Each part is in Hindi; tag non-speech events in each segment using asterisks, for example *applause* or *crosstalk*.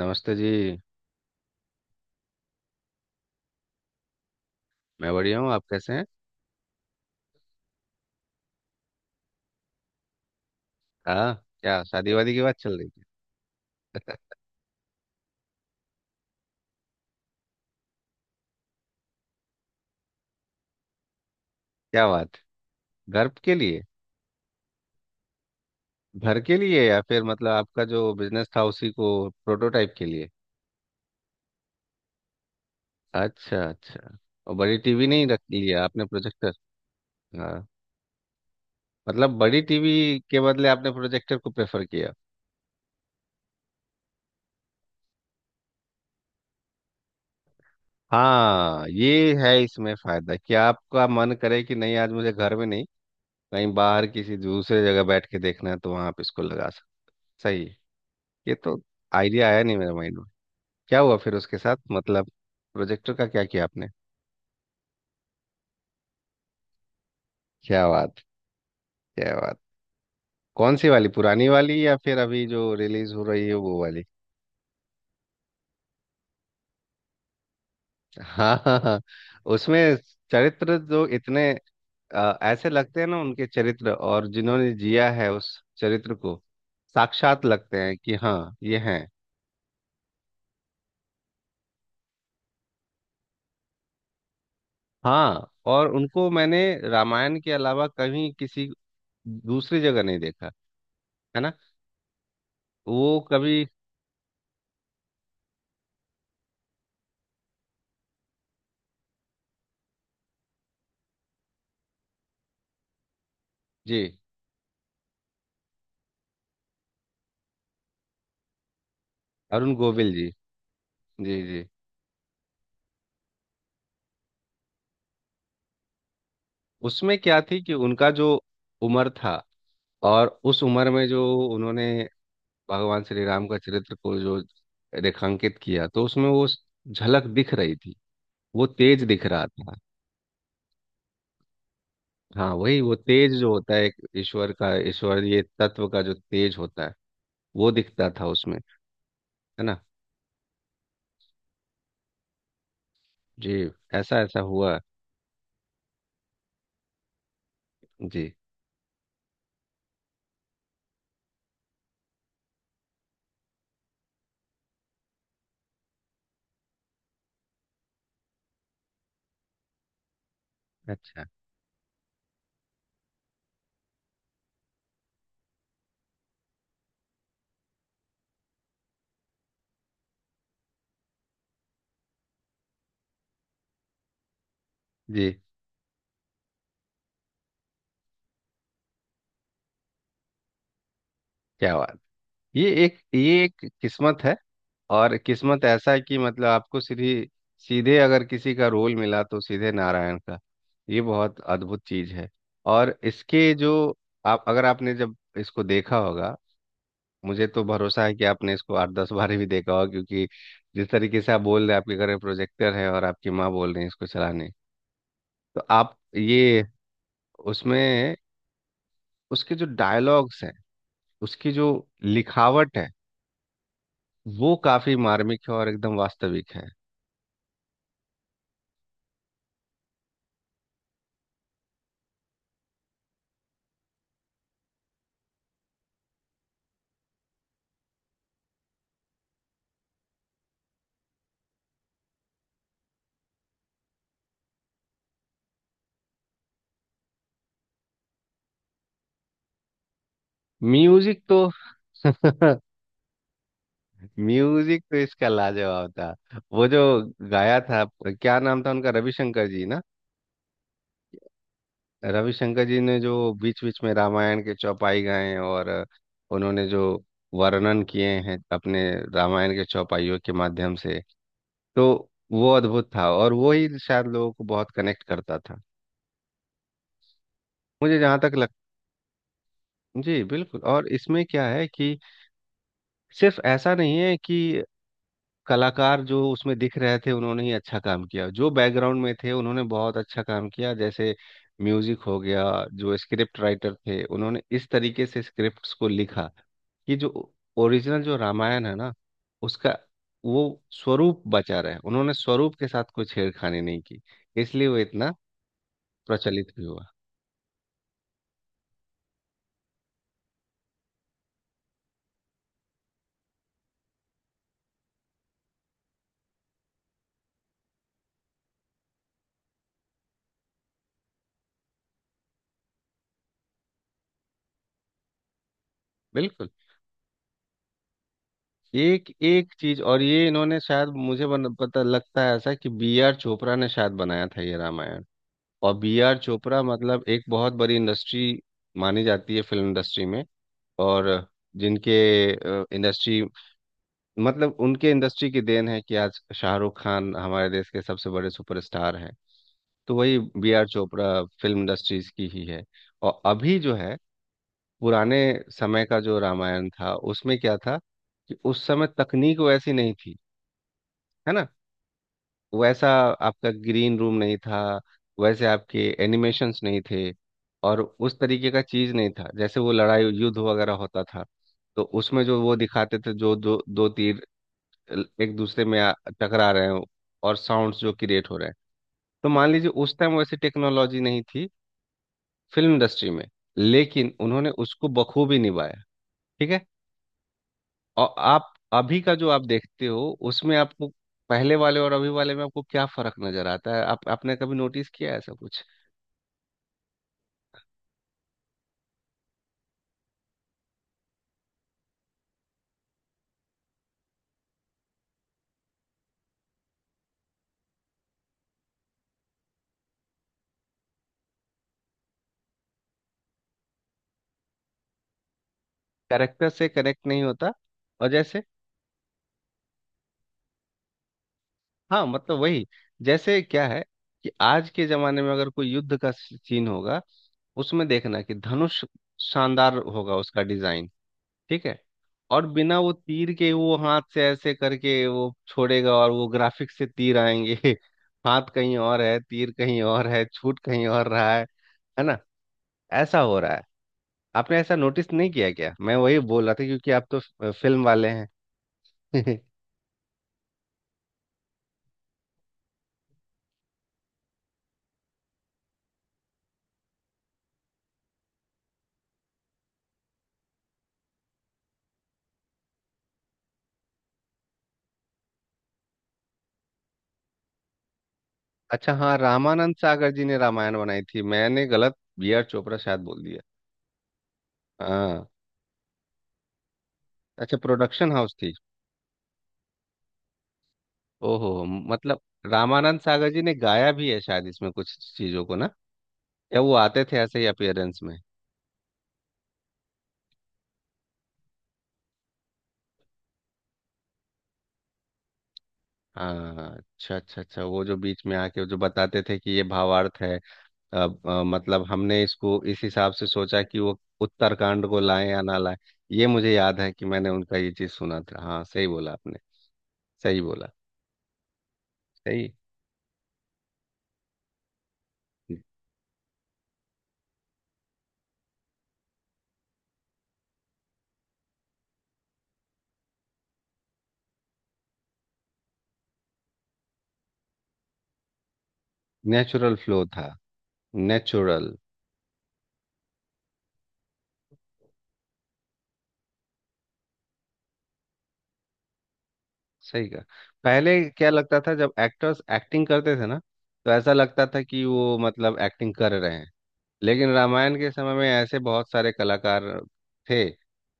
नमस्ते जी। मैं बढ़िया हूँ, आप कैसे हैं? हाँ। क्या शादी वादी की बात चल रही है? क्या बात! घर के लिए? घर के लिए या फिर मतलब आपका जो बिजनेस था उसी को प्रोटोटाइप के लिए? अच्छा अच्छा। और बड़ी टीवी नहीं रख लिया आपने, प्रोजेक्टर? हाँ। मतलब बड़ी टीवी के बदले आपने प्रोजेक्टर को प्रेफर किया। हाँ ये है, इसमें फायदा कि आपका मन करे कि नहीं आज मुझे घर में नहीं, कहीं बाहर किसी दूसरे जगह बैठ के देखना है तो वहां आप इसको लगा सकते। सही है। ये तो आइडिया आया नहीं मेरे माइंड में। क्या हुआ फिर उसके साथ, मतलब प्रोजेक्टर का क्या किया आपने? क्या बात! क्या बात! कौन सी वाली, पुरानी वाली या फिर अभी जो रिलीज हो रही है वो वाली? हाँ हाँ हाँ। उसमें चरित्र जो इतने ऐसे लगते हैं ना, उनके चरित्र, और जिन्होंने जिया है उस चरित्र को, साक्षात लगते हैं कि हाँ ये हैं। हाँ, और उनको मैंने रामायण के अलावा कहीं किसी दूसरी जगह नहीं देखा, है ना? वो कभी। जी। अरुण गोविल जी। जी जी। उसमें क्या थी कि उनका जो उम्र था, और उस उम्र में जो उन्होंने भगवान श्री राम का चरित्र को जो रेखांकित किया, तो उसमें वो झलक दिख रही थी, वो तेज दिख रहा था। हाँ, वही वो तेज जो होता है एक ईश्वर का, ईश्वरीय तत्व का जो तेज होता है, वो दिखता था उसमें, है ना। जी। ऐसा ऐसा हुआ। जी। अच्छा। जी। क्या बात! ये एक किस्मत है। और किस्मत ऐसा है कि मतलब आपको सीधी, सीधे अगर किसी का रोल मिला तो सीधे नारायण का, ये बहुत अद्भुत चीज है। और इसके जो, आप अगर आपने जब इसको देखा होगा, मुझे तो भरोसा है कि आपने इसको आठ दस बार भी देखा होगा, क्योंकि जिस तरीके से आप बोल रहे हैं आपके घर में प्रोजेक्टर है और आपकी माँ बोल रही है इसको चलाने। तो आप ये उसमें, उसके जो डायलॉग्स हैं, उसकी जो लिखावट है, वो काफी मार्मिक है और एकदम वास्तविक है। म्यूजिक तो। *laughs* म्यूजिक तो इसका लाजवाब था। वो जो गाया था, क्या नाम था उनका, रविशंकर जी ना? रविशंकर जी ने जो बीच बीच में रामायण के चौपाई गाए, और उन्होंने जो वर्णन किए हैं अपने रामायण के चौपाइयों के माध्यम से, तो वो अद्भुत था, और वो ही शायद लोगों को बहुत कनेक्ट करता था। मुझे जहाँ तक लग। जी बिल्कुल। और इसमें क्या है कि सिर्फ ऐसा नहीं है कि कलाकार जो उसमें दिख रहे थे उन्होंने ही अच्छा काम किया, जो बैकग्राउंड में थे उन्होंने बहुत अच्छा काम किया, जैसे म्यूजिक हो गया, जो स्क्रिप्ट राइटर थे उन्होंने इस तरीके से स्क्रिप्ट्स को लिखा कि जो ओरिजिनल जो रामायण है ना, उसका वो स्वरूप बचा रहे, उन्होंने स्वरूप के साथ कोई छेड़खानी नहीं की, इसलिए वो इतना प्रचलित भी हुआ। बिल्कुल। एक एक चीज। और ये इन्होंने शायद मुझे पता लगता है ऐसा कि बी आर चोपड़ा ने शायद बनाया था ये रामायण। और बी आर चोपड़ा मतलब एक बहुत बड़ी इंडस्ट्री मानी जाती है फिल्म इंडस्ट्री में। और जिनके इंडस्ट्री, मतलब उनके इंडस्ट्री की देन है कि आज शाहरुख खान हमारे देश के सबसे बड़े सुपरस्टार हैं। तो वही B R Chopra film industries की ही है। और अभी जो है, पुराने समय का जो रामायण था उसमें क्या था कि उस समय तकनीक वैसी नहीं थी, है ना। वैसा आपका ग्रीन रूम नहीं था, वैसे आपके एनिमेशंस नहीं थे, और उस तरीके का चीज नहीं था, जैसे वो लड़ाई युद्ध वगैरह होता था, तो उसमें जो वो दिखाते थे जो दो दो तीर एक दूसरे में टकरा रहे हो, और साउंड्स जो क्रिएट हो रहे हैं, तो मान लीजिए उस टाइम वैसी टेक्नोलॉजी नहीं थी फिल्म इंडस्ट्री में, लेकिन उन्होंने उसको बखूबी निभाया। ठीक है। और आप अभी का जो आप देखते हो उसमें आपको, पहले वाले और अभी वाले में आपको क्या फर्क नजर आता है, आप आपने कभी नोटिस किया है ऐसा कुछ? कैरेक्टर से कनेक्ट नहीं होता। और जैसे। हाँ मतलब वही। जैसे क्या है कि आज के जमाने में अगर कोई युद्ध का सीन होगा, उसमें देखना कि धनुष शानदार होगा उसका डिजाइन, ठीक है, और बिना वो तीर के वो हाथ से ऐसे करके वो छोड़ेगा और वो ग्राफिक्स से तीर आएंगे। *laughs* हाथ कहीं और है, तीर कहीं और है, छूट कहीं और रहा है ना? ऐसा हो रहा है। आपने ऐसा नोटिस नहीं किया क्या, मैं वही बोल रहा था, क्योंकि आप तो फिल्म वाले हैं। *laughs* अच्छा हाँ, रामानंद सागर जी ने रामायण बनाई थी, मैंने गलत बी आर चोपड़ा शायद बोल दिया। हाँ अच्छा, प्रोडक्शन हाउस थी। ओहो। मतलब रामानंद सागर जी ने गाया भी है शायद इसमें कुछ चीजों को ना, या वो आते थे ऐसे ही अपियरेंस में? हाँ अच्छा अच्छा अच्छा, वो जो बीच में आके वो जो बताते थे कि ये भावार्थ है, अब मतलब हमने इसको इस हिसाब से सोचा कि वो उत्तरकांड को लाएं या ना लाएं। ये मुझे याद है कि मैंने उनका ये चीज सुना था। हाँ सही बोला आपने, सही बोला। सही। नेचुरल फ्लो था, नेचुरल। सही का। पहले क्या लगता था जब एक्टर्स एक्टिंग करते थे ना, तो ऐसा लगता था कि वो मतलब एक्टिंग कर रहे हैं, लेकिन रामायण के समय में ऐसे बहुत सारे कलाकार थे,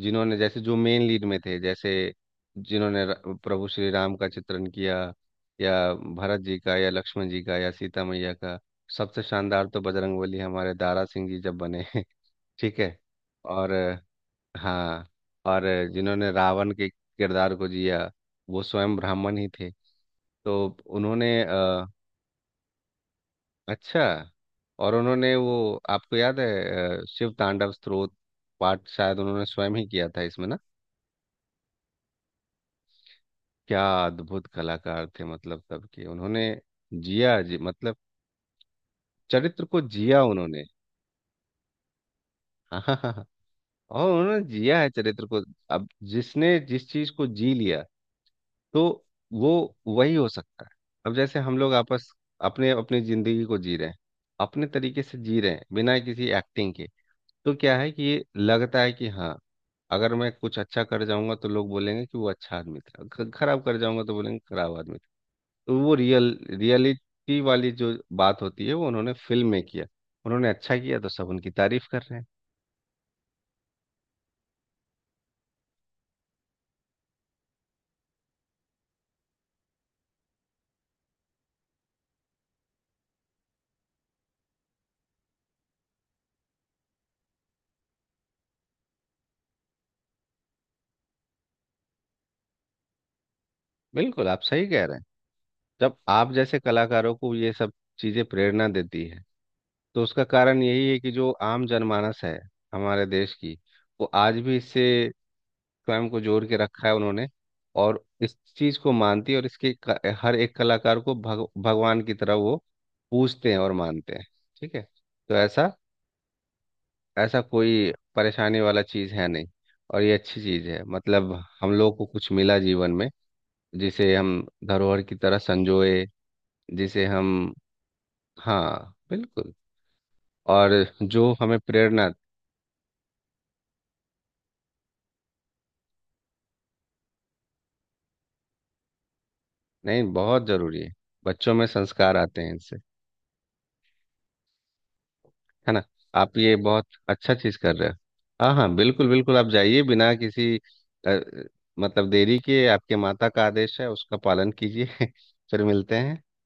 जिन्होंने जैसे जो मेन लीड में थे, जैसे जिन्होंने प्रभु श्री राम का चित्रण किया, या भरत जी का या लक्ष्मण जी का या सीता मैया का। सबसे शानदार तो बजरंगबली हमारे दारा सिंह जी जब बने। *laughs* ठीक है। और हाँ। और जिन्होंने रावण के किरदार को जिया, वो स्वयं ब्राह्मण ही थे, तो उन्होंने। अच्छा। और उन्होंने वो आपको याद है शिव तांडव स्तोत्र पाठ शायद उन्होंने स्वयं ही किया था इसमें ना? क्या अद्भुत कलाकार थे, मतलब सबके उन्होंने जिया जी, मतलब चरित्र को जिया उन्होंने। *laughs* हाँ हाँ हाँ हाँ। और उन्होंने जिया है चरित्र को। अब जिसने जिस चीज को जी लिया, तो वो वही हो सकता है। अब जैसे हम लोग आपस, अपने अपनी जिंदगी को जी रहे हैं, अपने तरीके से जी रहे हैं बिना किसी एक्टिंग के, तो क्या है कि ये लगता है कि हाँ, अगर मैं कुछ अच्छा कर जाऊंगा तो लोग बोलेंगे कि वो अच्छा आदमी था, खराब कर जाऊंगा तो बोलेंगे खराब आदमी था। तो वो रियल, रियलिटी वाली जो बात होती है वो उन्होंने फिल्म में किया। उन्होंने अच्छा किया तो सब उनकी तारीफ कर रहे हैं। बिल्कुल आप सही कह रहे हैं। जब आप जैसे कलाकारों को ये सब चीजें प्रेरणा देती है, तो उसका कारण यही है कि जो आम जनमानस है हमारे देश की, वो आज भी इससे स्वयं को जोड़ के रखा है उन्होंने, और इस चीज को मानती है, और इसके हर एक कलाकार को भगवान की तरह वो पूजते हैं और मानते हैं। ठीक है। तो ऐसा, ऐसा कोई परेशानी वाला चीज है नहीं। और ये अच्छी चीज है, मतलब हम लोग को कुछ मिला जीवन में, जिसे हम धरोहर की तरह संजोए, जिसे हम। हाँ बिल्कुल। और जो हमें प्रेरणा। नहीं बहुत जरूरी है, बच्चों में संस्कार आते हैं इनसे, है ना? आप ये बहुत अच्छा चीज कर रहे हो। हाँ हाँ बिल्कुल बिल्कुल, आप जाइए बिना किसी अ, मतलब देरी के, आपके माता का आदेश है उसका पालन कीजिए। *laughs* फिर मिलते हैं।